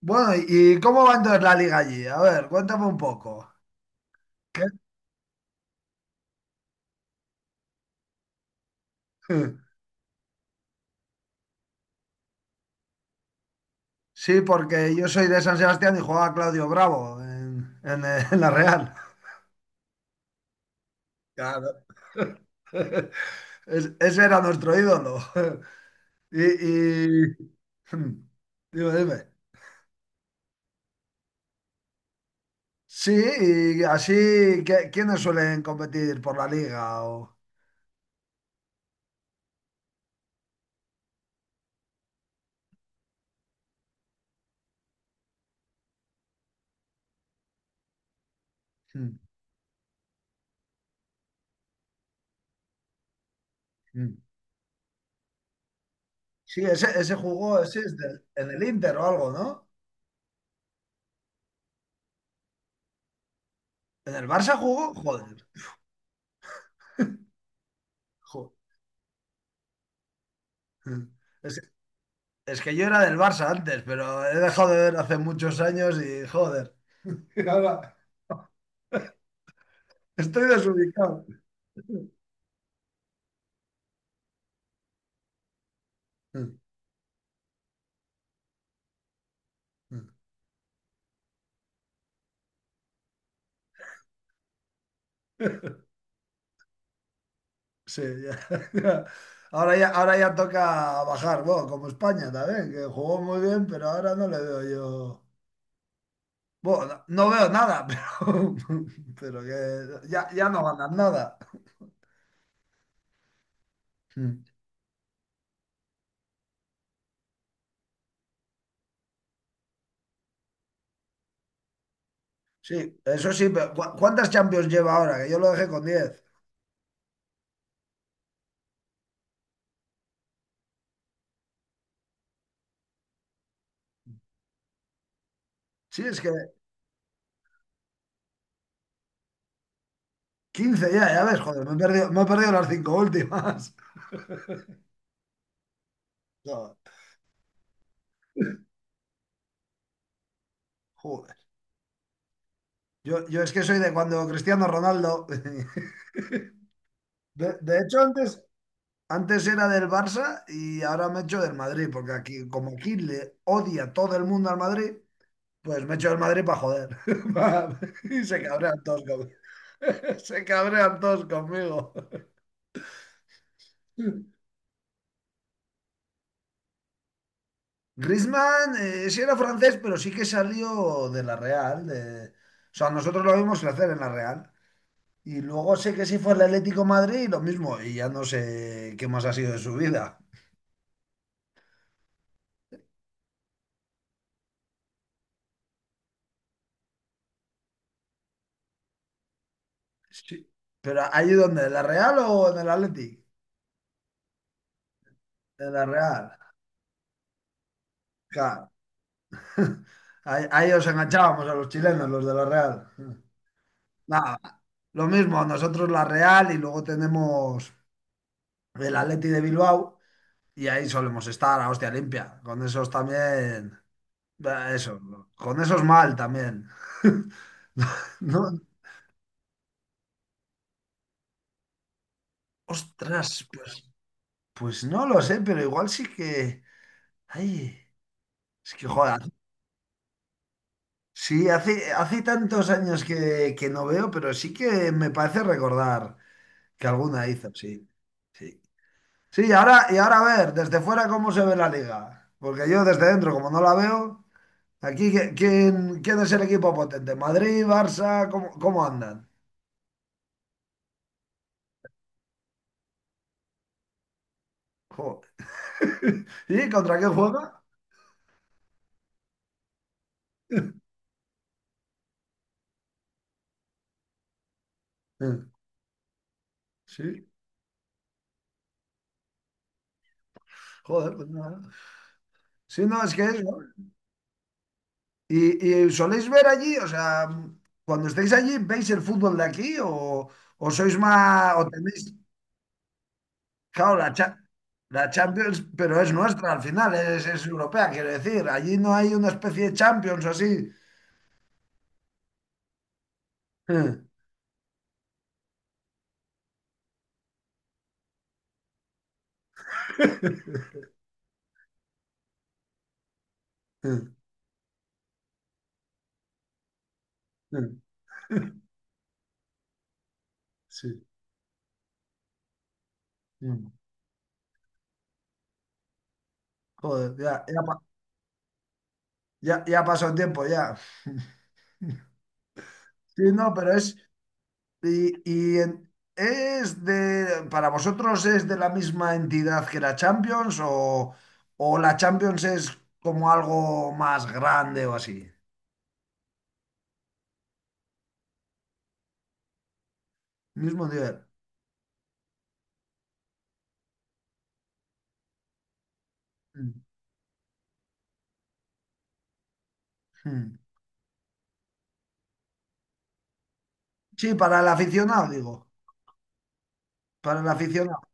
Bueno, ¿y cómo va entonces la liga allí? A ver, cuéntame un poco. ¿Qué? Sí, porque yo soy de San Sebastián y jugaba Claudio Bravo en la Real. Claro. Ese era nuestro ídolo. Y, y- Hmm. Dime, dime. Sí, y así, ¿quiénes suelen competir por la liga? O... Hmm, hmm. Sí, ese jugó, ese es en el Inter o algo, ¿no? ¿En el Barça jugó? Joder. jo- Hmm. Es que yo era del Barça antes, pero he dejado de ver hace muchos años y joder. Ahora estoy desubicado. Sí, ya, ya. Ahora ya toca bajar, bueno, como España también, que jugó muy bien, pero ahora no le veo yo. Bueno, no veo nada, pero que ya, ya no ganan nada. Sí, eso sí, pero ¿cuántas Champions lleva ahora? Que yo lo dejé con 10. Sí, es que 15 ya, ya ves, joder, me he perdido las cinco últimas. No, joder. Yo es que soy de cuando Cristiano Ronaldo. De hecho, antes era del Barça y ahora me echo del Madrid, porque aquí, como aquí le odia todo el mundo al Madrid, pues me echo del Madrid para joder. Pa- Y se cabrean todos conmigo. Se cabrean todos conmigo. Griezmann, sí era francés, pero sí que salió de la Real. O sea, nosotros lo vimos crecer en la Real. Y luego sé que sí fue al Atlético de Madrid y lo mismo, y ya no sé qué más ha sido de su vida. Sí. Pero ¿ahí dónde? ¿En la Real o en el Atlético? En la Real, claro. Ahí os enganchábamos a los chilenos, los de la Real. Nada, lo mismo, nosotros la Real y luego tenemos el Atleti de Bilbao y ahí solemos estar a hostia limpia. Con esos también, eso, con esos mal también. No, no, ostras, pues. Pues no lo sé, pero igual sí que. Ay, es que joder. Sí, hace tantos años que no veo, pero sí que me parece recordar que alguna hizo, sí. Sí. Sí, y ahora a ver, desde fuera cómo se ve la liga. Porque yo desde dentro, como no la veo, aquí ¿quién es el equipo potente? ¿Madrid, Barça? ¿Cómo andan? Joder. ¿Y contra qué juega? Sí, joder, pues nada. Sí, no, es que es, ¿no? ¿Y soléis ver allí? O sea, cuando estáis allí, ¿veis el fútbol de aquí? ¿O sois más, o tenéis, claro, la Champions, pero es nuestra al final, es europea, quiero decir, allí no hay una especie de Champions o así. Sí. Joder, ya, ya, ya, ya pasó el tiempo, ya. Sí, no, pero es, Y, y en- es de, para vosotros es de la misma entidad que la Champions o la Champions es como algo más grande o así. Mismo nivel. Mm, mm. Sí, para el aficionado, digo. Para el aficionado.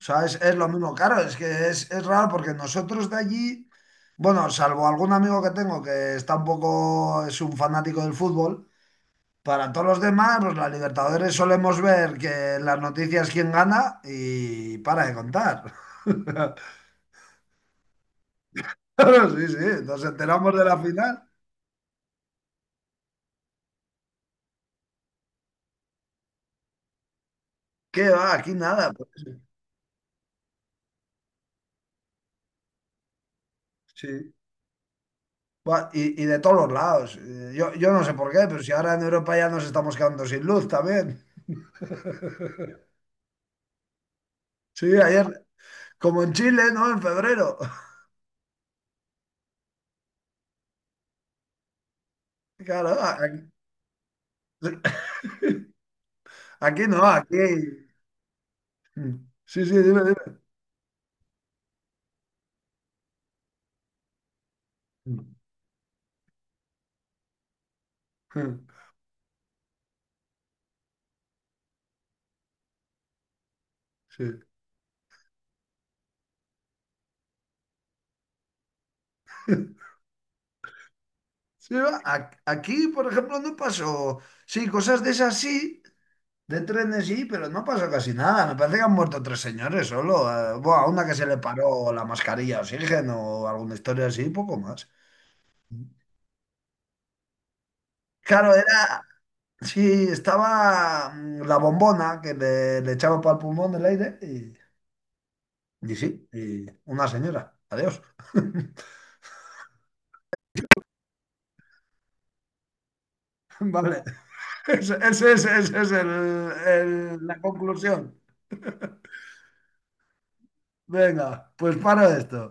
O sea, es lo mismo. Claro, es que es raro porque nosotros de allí, bueno, salvo algún amigo que tengo que está un poco, es un fanático del fútbol. Para todos los demás, pues la Libertadores solemos ver que en las noticias quién gana y para de contar. Claro, sí, sí, nos enteramos de la final. ¿Qué va? Aquí nada. Pues, sí. Va, y de todos los lados. Yo no sé por qué, pero si ahora en Europa ya nos estamos quedando sin luz también. Sí, ayer, como en Chile, ¿no? En febrero. Claro, aquí, aquí no, aquí. Mm. Sí, sí, dime, dime. Sí. Sí, va. Aquí, por ejemplo, no pasó. Sí, cosas de esas sí, de trenes sí, pero no pasó casi nada. Me parece que han muerto tres señores solo. Bueno, a una que se le paró la mascarilla de oxígeno o alguna historia así, poco más. Claro, era. Sí, estaba la bombona que le echaba para el pulmón el aire y sí, y una señora. Adiós. Vale, ese es, ese ese es el- la conclusión. Venga, pues paro esto.